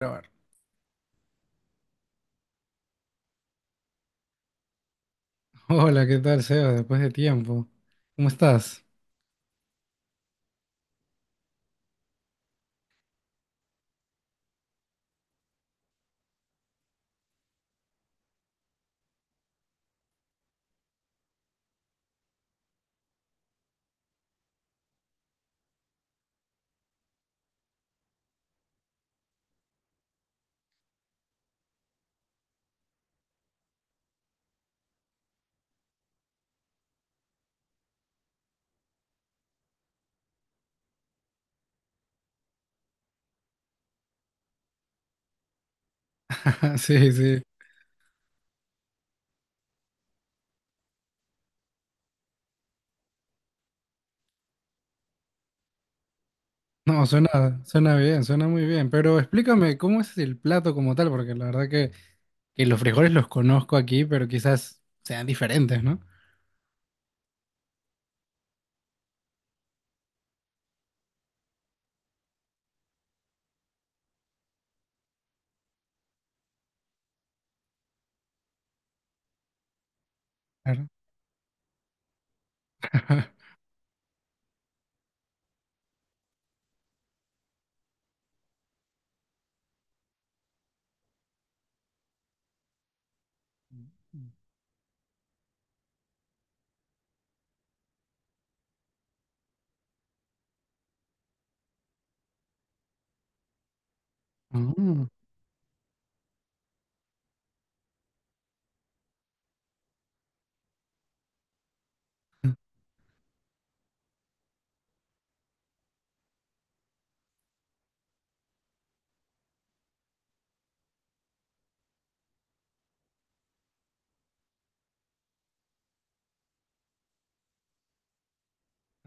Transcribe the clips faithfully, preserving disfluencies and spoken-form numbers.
Grabar. Hola, ¿qué tal, Seba? Después de tiempo. ¿Cómo estás? Sí, sí. No, suena, suena bien, suena muy bien. Pero explícame, ¿cómo es el plato como tal? Porque la verdad que, que los frijoles los conozco aquí, pero quizás sean diferentes, ¿no? Claro. Mm.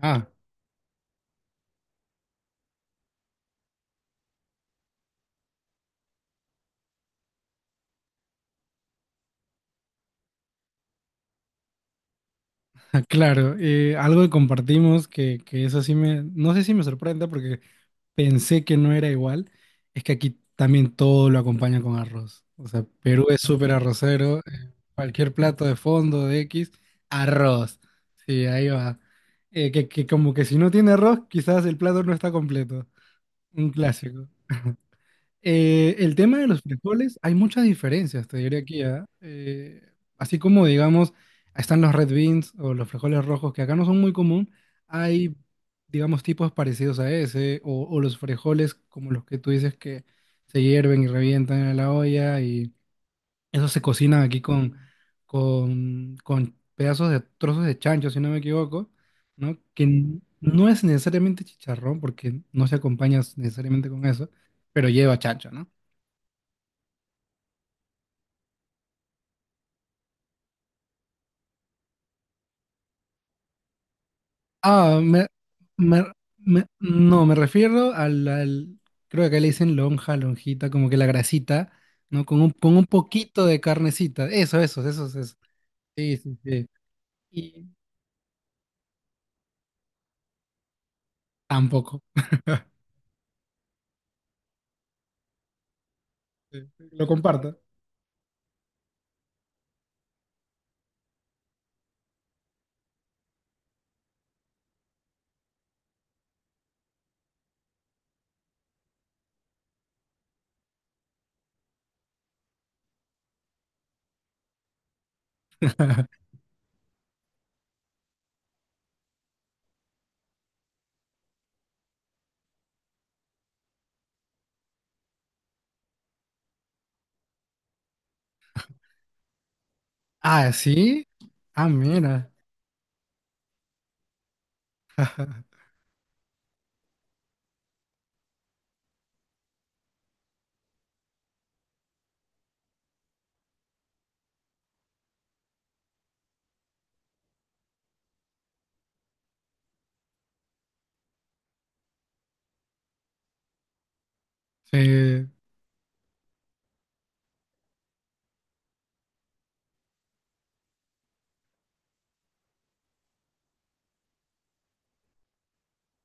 Ah, claro. Eh, algo que compartimos que, que eso sí me, no sé si me sorprende porque pensé que no era igual, es que aquí también todo lo acompaña con arroz. O sea, Perú es súper arrocero. Eh, cualquier plato de fondo, de X, arroz. Sí, ahí va. Eh, que, que como que si no tiene arroz, quizás el plato no está completo. Un clásico. Eh, el tema de los frijoles, hay muchas diferencias, te diré aquí, ¿ah? Eh, así como, digamos, están los red beans o los frijoles rojos, que acá no son muy común, hay, digamos, tipos parecidos a ese, o, o los frijoles como los que tú dices que se hierven y revientan en la olla, y esos se cocinan aquí con, con, con pedazos de trozos de chancho, si no me equivoco, ¿no? Que n- no es necesariamente chicharrón, porque no se acompaña necesariamente con eso, pero lleva chancho, ¿no? Ah, me, me- me- no, Me refiero al, al- creo que acá le dicen lonja, lonjita, como que la grasita, ¿no? Con un, con un poquito de carnecita. Eso, eso, eso, eso. Sí, sí, sí. Y tampoco. Sí, lo comparto. Ah, ¿sí? Ah, mira. Sí.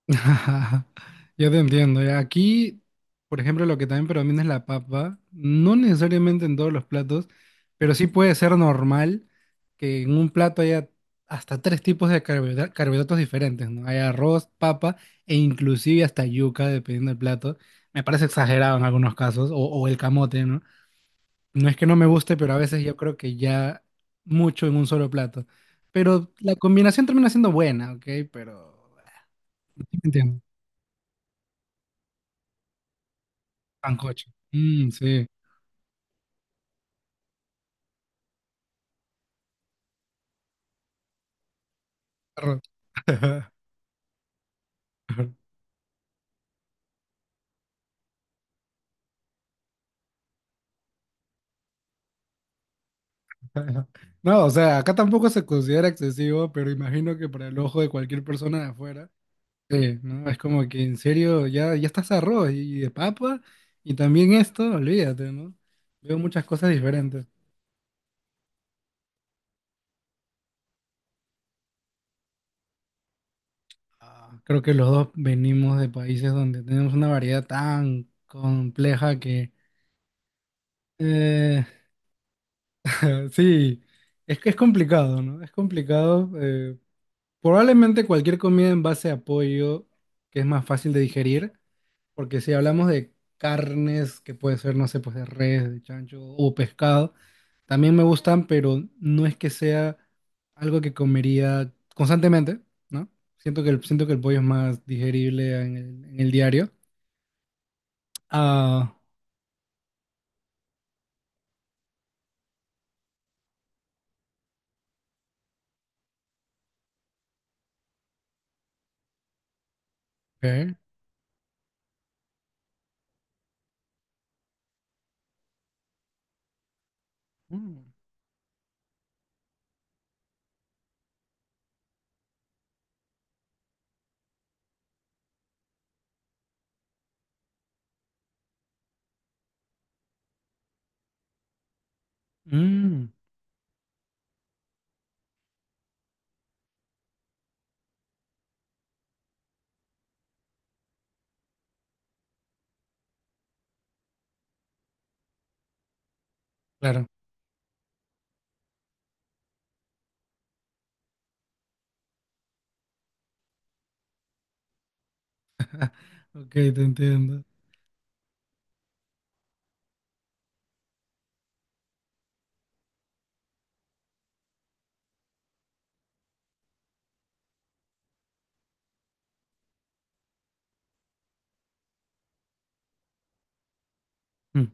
Yo te entiendo. Ya. Aquí, por ejemplo, lo que también predomina es la papa. No necesariamente en todos los platos, pero sí puede ser normal que en un plato haya hasta tres tipos de carbohidra- carbohidratos diferentes, ¿no? Hay arroz, papa e inclusive hasta yuca, dependiendo del plato. Me parece exagerado en algunos casos, o, o el camote, ¿no? No es que no me guste, pero a veces yo creo que ya mucho en un solo plato. Pero la combinación termina siendo buena, ¿ok? Pero... Sancocho. Mm, sí. Arro- No, o sea, acá tampoco se considera excesivo, pero imagino que para el ojo de cualquier persona de afuera, sí, ¿no? Es como que en serio ya, ya estás arroz y de papa, y también esto, olvídate, ¿no? Veo muchas cosas diferentes. Ah, creo que los dos venimos de países donde tenemos una variedad tan compleja que eh, sí, es que es complicado, ¿no? Es complicado. eh, Probablemente cualquier comida en base a pollo, que es más fácil de digerir, porque si hablamos de carnes, que puede ser, no sé, pues de res, de chancho o pescado, también me gustan, pero no es que sea algo que comería constantemente, ¿no? Siento que el, siento que el pollo es más digerible en el, en el diario. Ah, ok. Mm, mm, claro. Ok, te entiendo. Mm.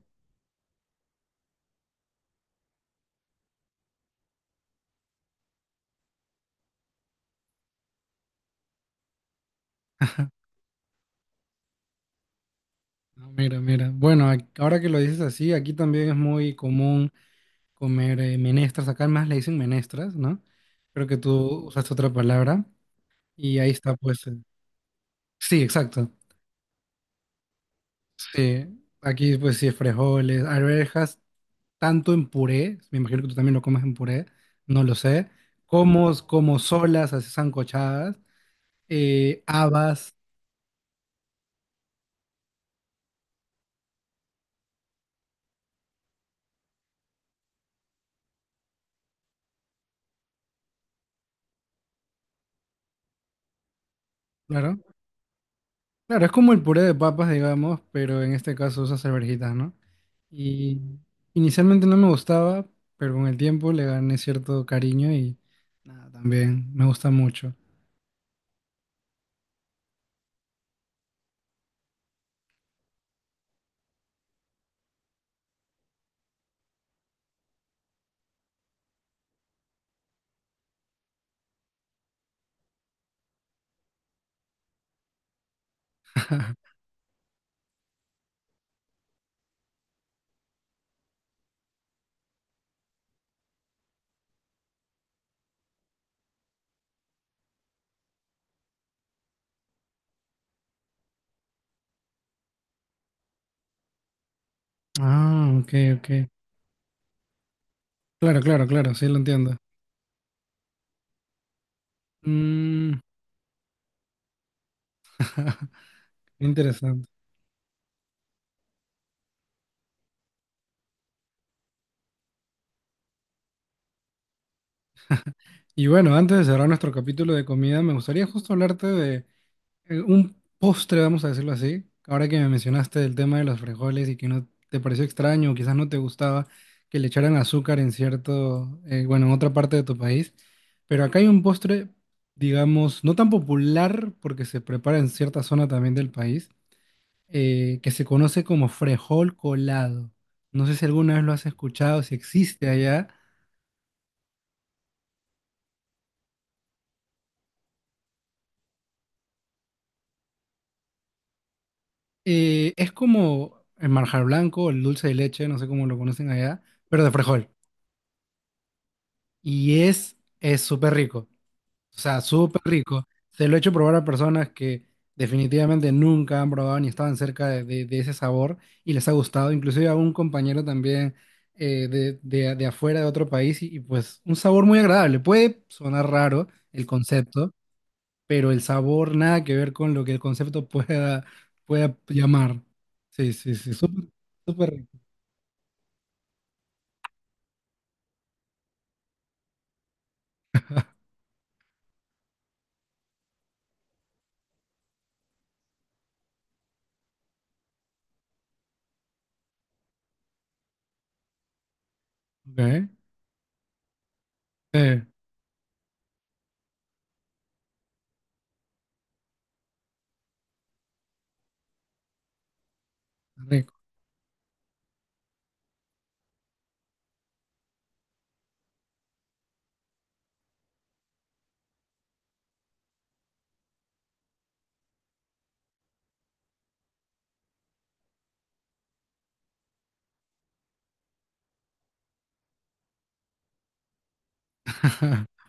Ah, mira, mira. Bueno, ac- ahora que lo dices así, aquí también es muy común comer eh, menestras. Acá más le dicen menestras, ¿no? Creo que tú usaste otra palabra. Y ahí está, pues. eh, Sí, exacto. Sí. Aquí, pues, sí, frijoles, arvejas, tanto en puré. Me imagino que tú también lo comes en puré. No lo sé. Como, como solas, así sancochadas. Eh, habas, claro. Claro, es como el puré de papas, digamos, pero en este caso usas alverjitas, ¿no? Y inicialmente no me gustaba, pero con el tiempo le gané cierto cariño y nada, también me gusta mucho. Ah, ok, ok. Claro, claro, claro, sí lo entiendo. Mm, interesante. Y bueno, antes de cerrar nuestro capítulo de comida, me gustaría justo hablarte de... Eh, un postre, vamos a decirlo así. Ahora que me mencionaste el tema de los frijoles y que no te pareció extraño, o quizás no te gustaba que le echaran azúcar en cierto, eh, bueno, en otra parte de tu país. Pero acá hay un postre, digamos, no tan popular porque se prepara en cierta zona también del país, eh, que se conoce como frejol colado. No sé si alguna vez lo has escuchado, si existe allá. Eh, es como el marjar blanco, el dulce de leche, no sé cómo lo conocen allá, pero de frejol. Y es, es súper rico, o sea, súper rico. Se lo he hecho probar a personas que definitivamente nunca han probado ni estaban cerca de, de- de ese sabor y les ha gustado. Inclusive a un compañero también eh, de, de- de afuera de otro país y, y pues un sabor muy agradable. Puede sonar raro el concepto, pero el sabor nada que ver con lo que el concepto pueda, pueda llamar. Sí, sí, sí, súper, súper rico. Ok, eh, rico.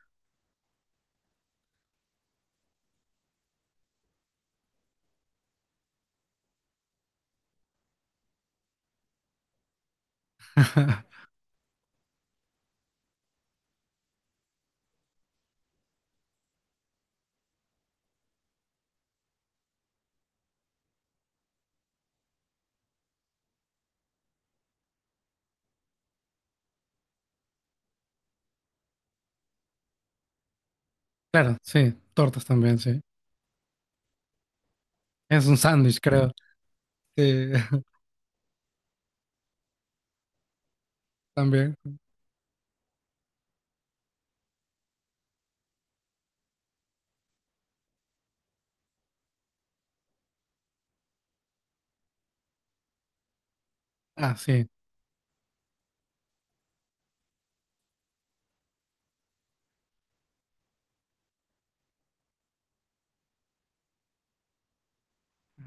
Claro, sí, tortas también, sí. Es un sándwich, creo. Sí, también. Ah, sí.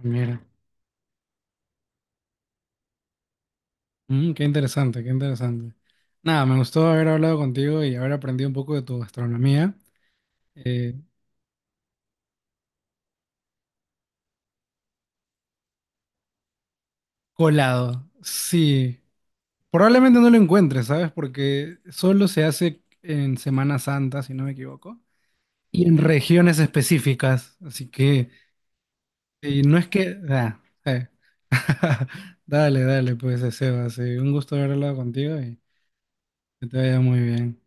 Mira. Mm, qué interesante, qué interesante. Nada, me gustó haber hablado contigo y haber aprendido un poco de tu gastronomía. Eh, colado. Sí. Probablemente no lo encuentres, ¿sabes? Porque solo se hace en Semana Santa, si no me equivoco, y en regiones específicas. Así que, eh, no es que... ah, eh. Dale, dale, pues, eh, Sebas. Sí, un gusto haber hablado contigo y que te vaya muy bien.